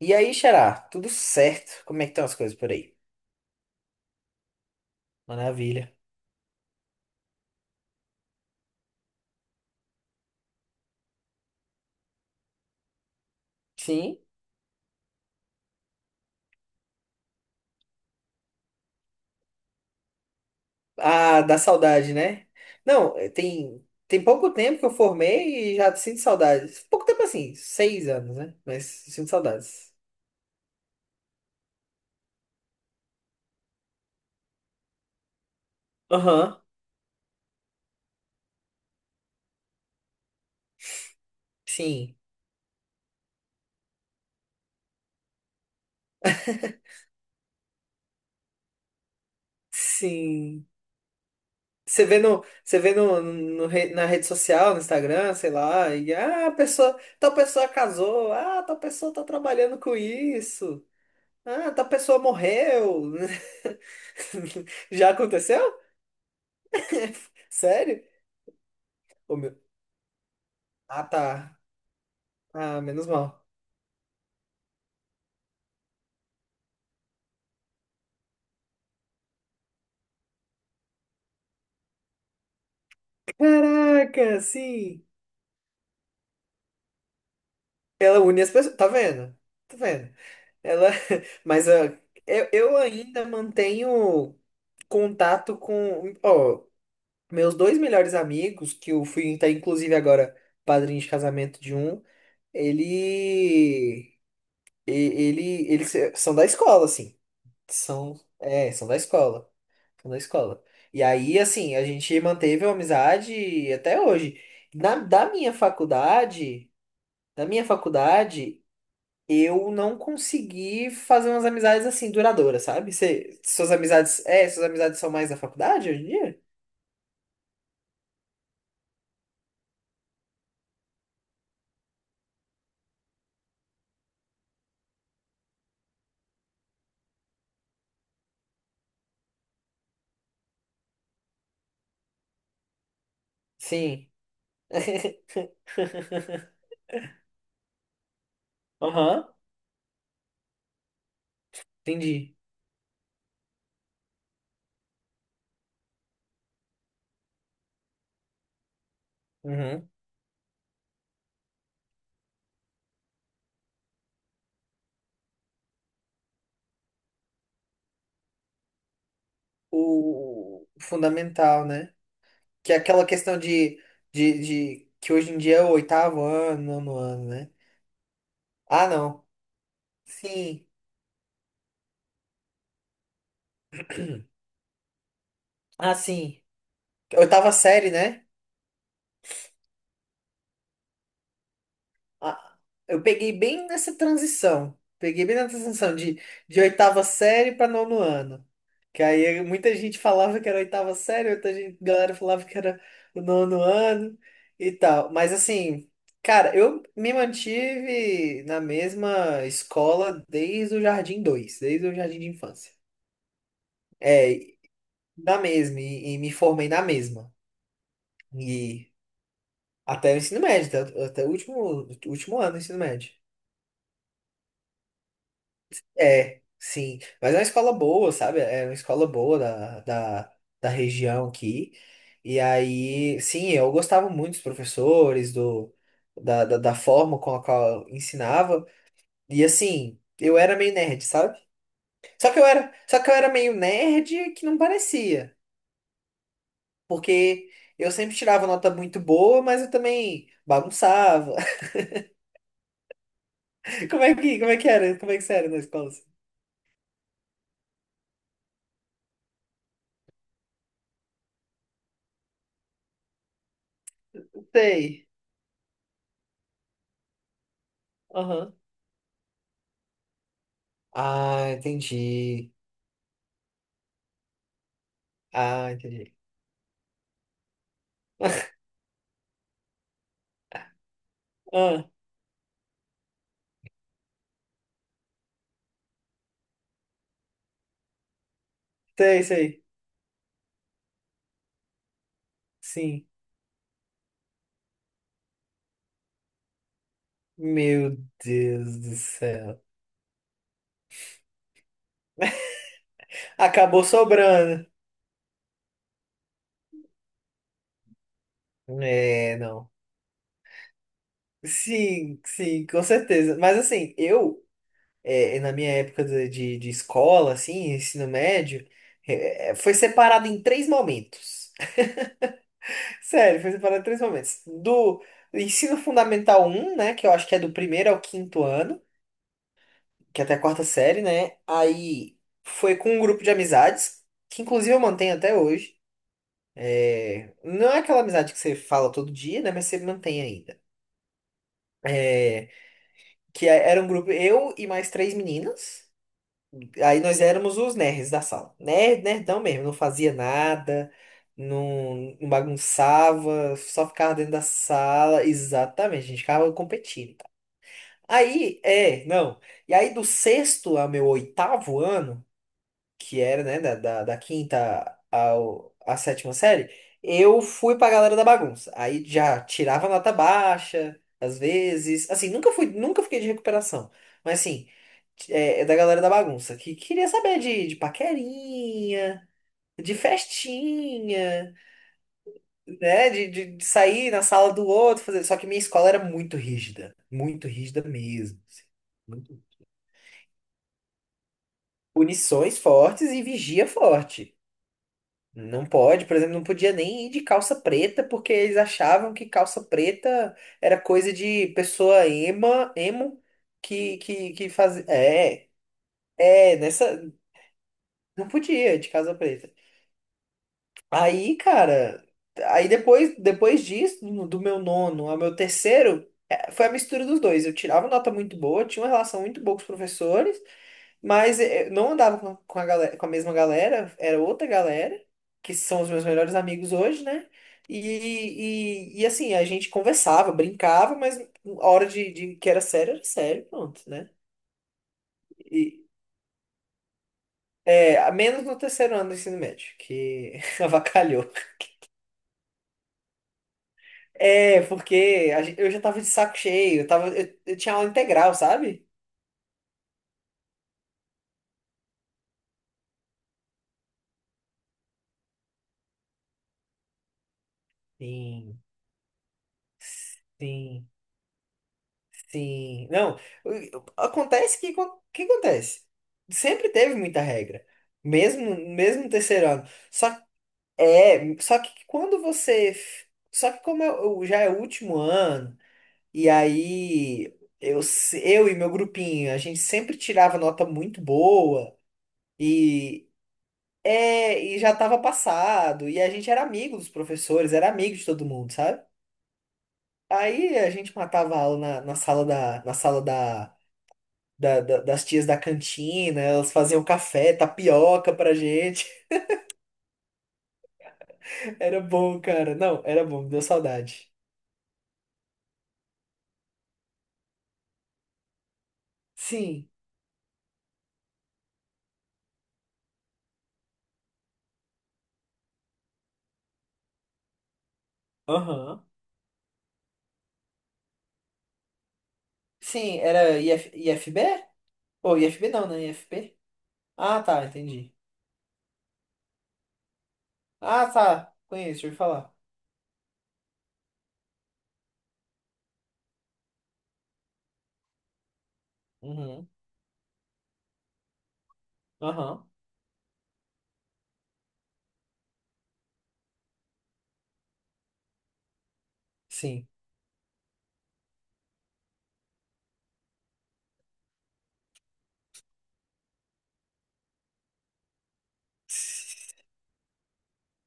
E aí, Xará, tudo certo? Como é que estão as coisas por aí? Maravilha. Sim. Ah, dá saudade, né? Não, tem pouco tempo que eu formei e já sinto saudades. Pouco tempo assim, 6 anos, né? Mas sinto saudades. Aham. Sim, sim. Você vê no, no re- na rede social, no Instagram, sei lá, e tal pessoa casou, tal pessoa tá trabalhando com isso, tal pessoa morreu. Já aconteceu? Sério? Ô, meu... Ah, tá. Ah, menos mal. Caraca, sim. Ela une as pessoas. Tá vendo? Tá vendo? Ela. Mas eu ainda mantenho contato com. Ó, meus dois melhores amigos, que eu fui, tá, inclusive, agora padrinho de casamento de um, ele. Ele. Eles são da escola, assim. São. É, são da escola. Na escola. E aí, assim, a gente manteve a amizade até hoje. Na, da minha faculdade, eu não consegui fazer umas amizades assim duradouras, sabe? Cê, suas amizades são mais da faculdade hoje em dia? Sim. Aham, entendi. Uhum. O fundamental, né? Que é aquela questão de, de que hoje em dia é o oitavo ano, nono ano, né? Ah, não. Sim. Ah, sim. Oitava série, né? A- Eu peguei bem nessa transição. Peguei bem nessa transição de oitava série para nono ano. Que aí muita gente falava que era oitava série, galera falava que era o nono ano e tal. Mas assim, cara, eu me mantive na mesma escola desde o Jardim 2, desde o Jardim de Infância. É, na mesma, e me formei na mesma. E até o ensino médio, até o último ano do ensino médio. É, sim. Mas é uma escola boa, sabe? É uma escola boa da, da região aqui. E aí, sim, eu gostava muito dos professores, da forma com a qual ensinava. E assim, eu era meio nerd, sabe? Só que eu era meio nerd que não parecia. Porque eu sempre tirava nota muito boa, mas eu também bagunçava. Como é que era? Como é que você era na escola? Sei. Aham. Ah, entendi. Ah, entendi. Ah, sei, sei. Sim. Meu Deus do céu. Acabou sobrando. É, não. Sim, sim, com certeza. Mas assim, na minha época de, de escola, assim, ensino médio, foi separado em três momentos. Sério, foi separado em três momentos. Do ensino fundamental um, né, que eu acho que é do primeiro ao quinto ano, que é até a quarta série, né? Aí foi com um grupo de amizades, que inclusive eu mantenho até hoje. É, não é aquela amizade que você fala todo dia, né? Mas você mantém ainda. É, que era um grupo, eu e mais três meninas. Aí nós éramos os nerds da sala. Nerd, nerdão mesmo, não fazia nada, não, não bagunçava, só ficava dentro da sala. Exatamente, a gente ficava competindo. Aí, é, não. E aí do sexto ao meu oitavo ano, que era, né, da, da quinta à sétima série, eu fui pra galera da bagunça. Aí já tirava nota baixa, às vezes. Assim, nunca fiquei de recuperação. Mas assim, é da galera da bagunça, que queria saber de, paquerinha, de festinha, né? De sair na sala do outro, fazer. Só que minha escola era muito rígida mesmo. Assim, muito- Punições fortes e vigia forte. Não pode, por exemplo, não podia nem ir de calça preta, porque eles achavam que calça preta era coisa de pessoa emo, que fazia. É, é, nessa. Não podia ir de calça preta. Aí, cara, aí depois disso, do meu nono ao meu terceiro, foi a mistura dos dois. Eu tirava nota muito boa, tinha uma relação muito boa com os professores. Mas não andava com com a mesma galera, era outra galera, que são os meus melhores amigos hoje, né? E, e, assim, a gente conversava, brincava, mas a hora de que era sério, pronto, né? E, a menos no terceiro ano do ensino médio, que avacalhou. É, porque eu já tava de saco cheio, eu tinha aula integral, sabe? Sim, sim. Sim, não, acontece que o que acontece? Sempre teve muita regra, mesmo mesmo no terceiro ano. Só que quando você, só que como eu- já é o último ano e aí eu se- eu e meu grupinho, a gente sempre tirava nota muito boa e já tava passado e a gente era amigo dos professores, era amigo de todo mundo, sabe? Aí a gente matava a aula na sala da das tias da cantina, elas faziam café, tapioca pra gente. Era bom, cara. Não, era bom, deu saudade. Sim, aham. Sim, era i i f I f b. Ou i f b não, né? i f p. Ah, tá, entendi. Ah, tá, conheço, ouvi falar. Uhum, aham, sim.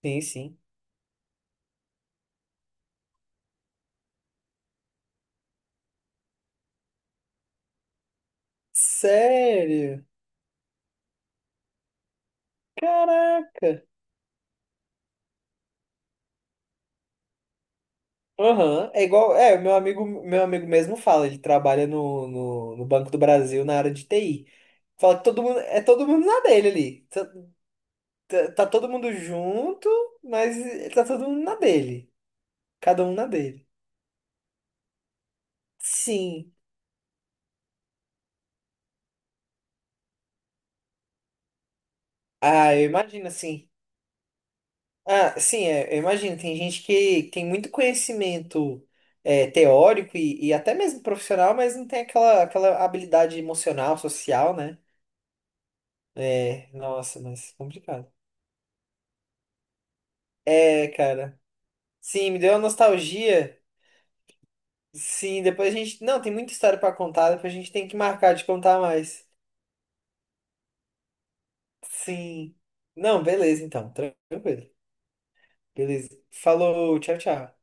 Sim, sim. Sério? Caraca. Aham. É igual, meu amigo mesmo fala, ele trabalha no Banco do Brasil na área de TI. Fala que todo mundo, é todo mundo na dele ali. Tá, tá todo mundo junto, mas tá todo mundo na dele. Cada um na dele. Sim. Ah, eu imagino, assim. Ah, sim, eu imagino. Tem gente que tem muito conhecimento teórico e até mesmo profissional, mas não tem aquela, aquela habilidade emocional, social, né? É, nossa, mas complicado. É, cara. Sim, me deu uma nostalgia. Sim, depois a gente. Não, tem muita história pra contar, depois a gente tem que marcar de contar mais. Sim. Não, beleza, então. Tranquilo. Beleza. Falou, tchau, tchau.